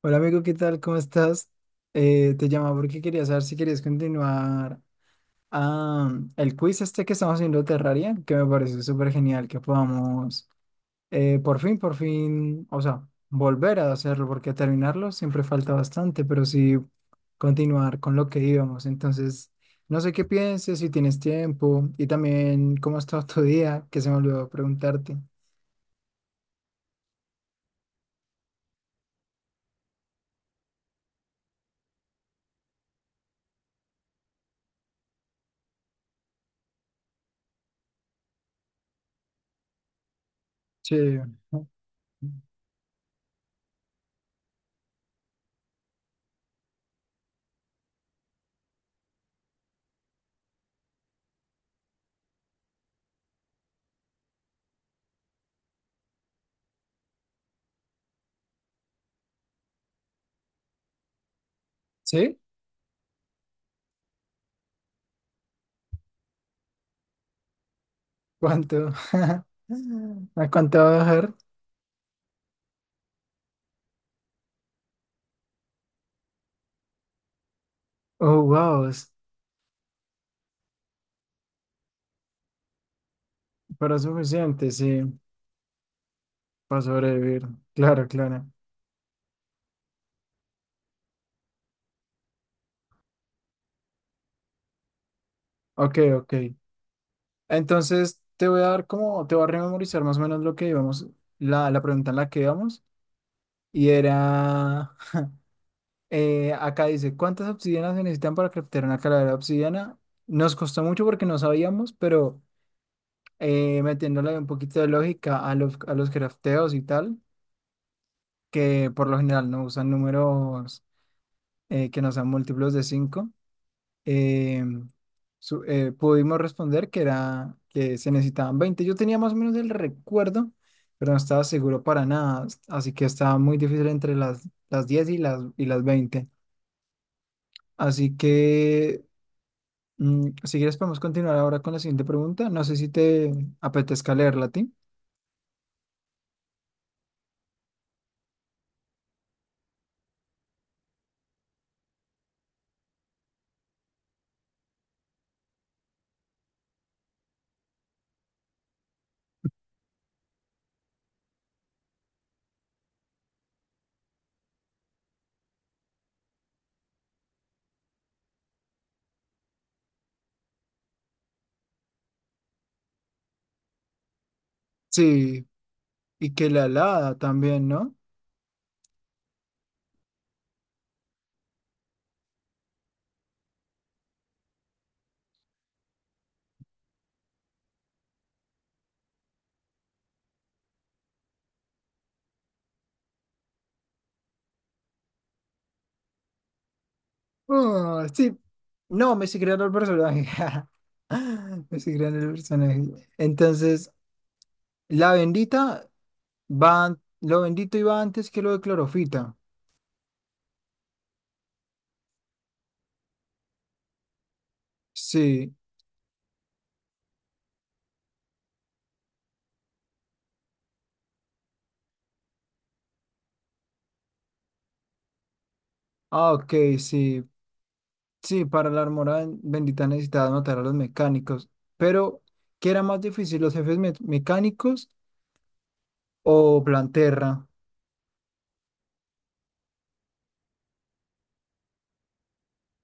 Hola amigo, ¿qué tal? ¿Cómo estás? Te llamaba porque quería saber si querías continuar ah, el quiz este que estamos haciendo de Terraria, que me pareció súper genial que podamos por fin, o sea, volver a hacerlo porque terminarlo siempre falta bastante, pero sí continuar con lo que íbamos. Entonces, no sé qué pienses, si tienes tiempo y también cómo ha estado tu día, que se me olvidó preguntarte. Sí, ¿sí? ¿Cuánto? ¿A cuánto va a bajar? Oh, wow, pero es suficiente, sí, para sobrevivir. Claro, claro. Ok, ok. Entonces te voy a dar como, te voy a rememorizar más o menos lo que íbamos, la pregunta en la que íbamos, y era, acá dice, ¿cuántas obsidianas se necesitan para craftear una calavera de obsidiana? Nos costó mucho porque no sabíamos, pero metiéndole un poquito de lógica a los crafteos y tal, que por lo general no usan números que no sean múltiplos de 5 eh, pudimos responder que era que se necesitaban 20. Yo tenía más o menos el recuerdo, pero no estaba seguro para nada, así que estaba muy difícil entre las 10 y las 20. Así que, si quieres, podemos continuar ahora con la siguiente pregunta. No sé si te apetezca leerla a ti. Sí, y que la alada también, ¿no? Ah, sí, no, me sí crearon el personaje. Me sí crearon el personaje. Entonces, la bendita. Va, lo bendito iba antes que lo de clorofita. Sí. Ah, ok, sí. Sí, para la armora bendita necesitaba matar a los mecánicos. Pero, ¿qué era más difícil, los jefes mecánicos o Planterra?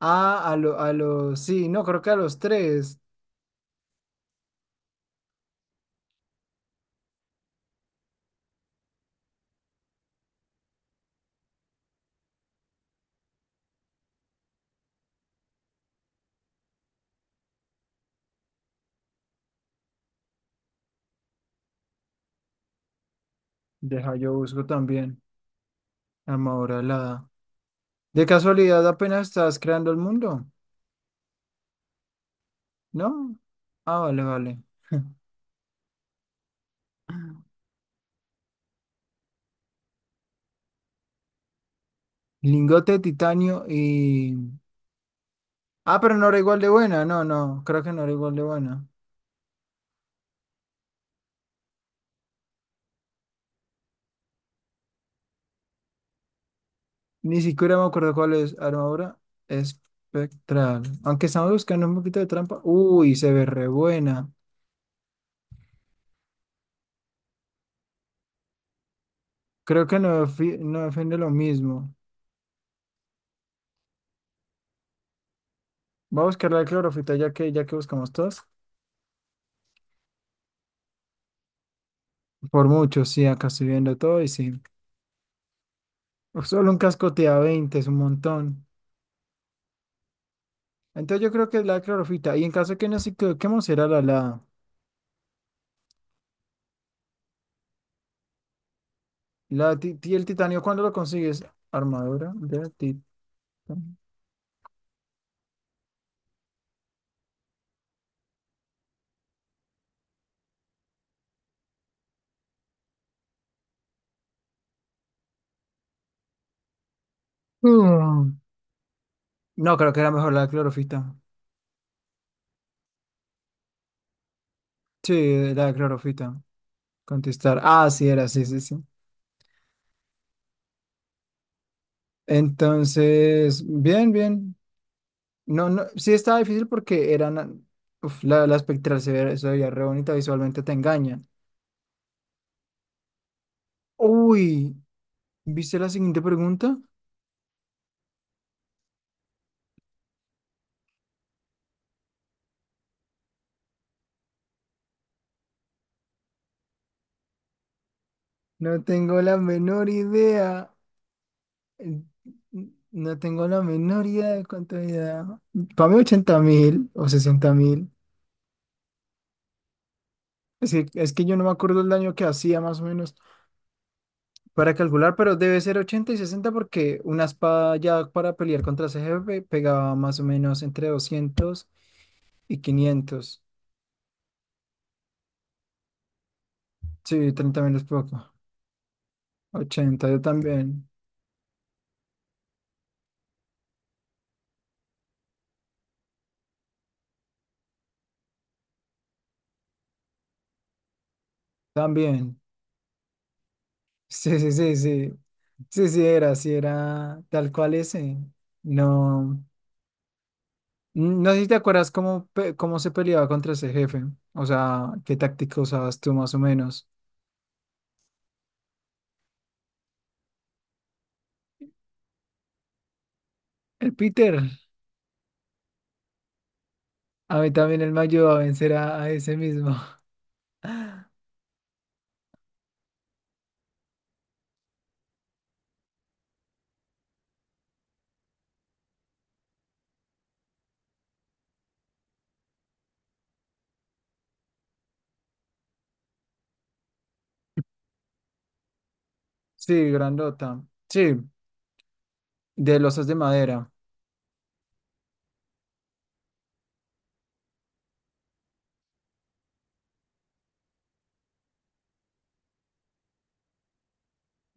Ah, a los. Sí, no, creo que a los tres. Deja, yo busco también. Armadura alada. De casualidad, apenas estás creando el mundo, ¿no? Ah, vale, vale. Lingote de titanio y. Ah, pero no era igual de buena. No, no, creo que no era igual de buena. Ni siquiera me acuerdo cuál es armadura espectral. Aunque estamos buscando un poquito de trampa. Uy, se ve re buena. Creo que no, no defiende lo mismo. Voy a buscar la clorofita ya que buscamos todas. Por mucho, sí, acá estoy viendo todo y sí. Solo un casco te da 20, es un montón. Entonces yo creo que es la clorofita. Y en caso de que nos equivoquemos, será la. El titanio, ¿cuándo lo consigues? Armadura de titanio. No, creo que era mejor la clorofita. Sí, la clorofita. Contestar. Ah, sí, era, sí, sí, sí. Entonces, bien, bien. No, no, sí estaba difícil porque eran. Uf, la espectral se veía re bonita, visualmente te engaña. Uy, ¿viste la siguiente pregunta? No tengo la menor idea. Eh, No tengo la menor idea de cuánto era. Para mí, 80.000 o 60.000. Es que, yo no me acuerdo el daño que hacía, más o menos. Para calcular, pero debe ser 80 y 60 porque una espada ya para pelear contra ese jefe pegaba más o menos entre 200 y 500. Sí, 30 menos poco. 80. Yo también. También. Sí, sí, sí, sí. Sí, sí era tal cual ese. No, no sé si te acuerdas cómo, cómo se peleaba contra ese jefe. O sea, qué táctica usabas tú más o menos. El Peter, a mí también él me ayudó a vencer a ese mismo. Sí, grandota. Sí, de losas de madera.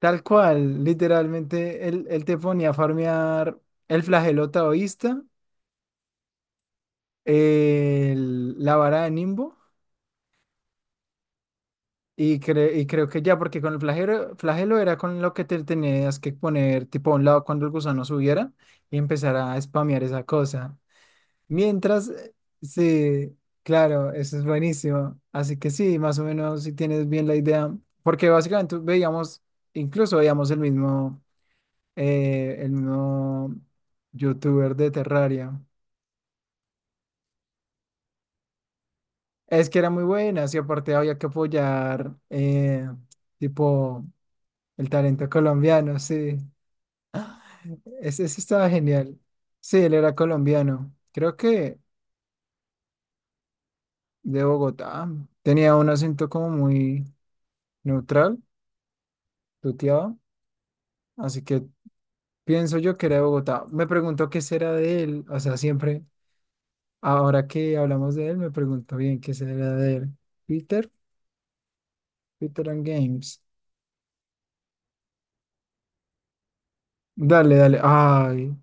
Tal cual, literalmente, él te ponía a farmear el flagelo taoísta, la vara de Nimbo, y, y creo que ya, porque con el flagelo era con lo que te tenías que poner tipo a un lado cuando el gusano subiera y empezar a spamear esa cosa. Mientras, sí, claro, eso es buenísimo. Así que sí, más o menos si tienes bien la idea, porque básicamente veíamos, incluso veíamos el mismo youtuber de Terraria. Es que era muy buena, y aparte había que apoyar, tipo, el talento colombiano, sí. Ese estaba genial. Sí, él era colombiano. Creo que de Bogotá. Tenía un acento como muy neutral, tuteado. Así que pienso yo que era de Bogotá. Me pregunto qué será de él. O sea, siempre, ahora que hablamos de él, me pregunto bien qué será de él. Peter, Peter and Games. Dale, dale. Ay,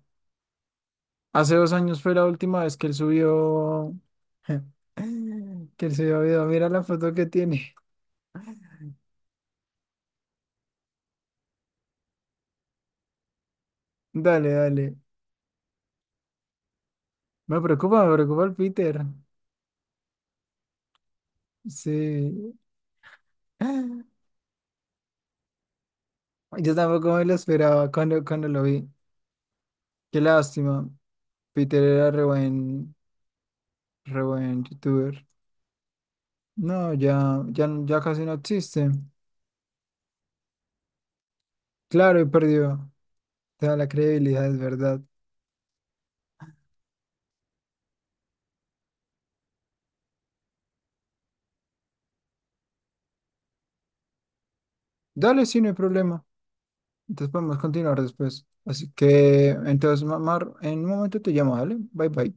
hace 2 años fue la última vez que él subió. Que él subió video. Mira la foto que tiene. Dale, dale. Me preocupa el Peter. Sí. Yo tampoco me lo esperaba cuando, lo vi. Qué lástima. Peter era re buen youtuber. No, ya casi no existe. Claro, he perdido toda la credibilidad, es verdad. Dale, sí, no hay problema. Entonces podemos continuar después. Así que, entonces, Mar, en un momento te llamo, dale. Bye, bye.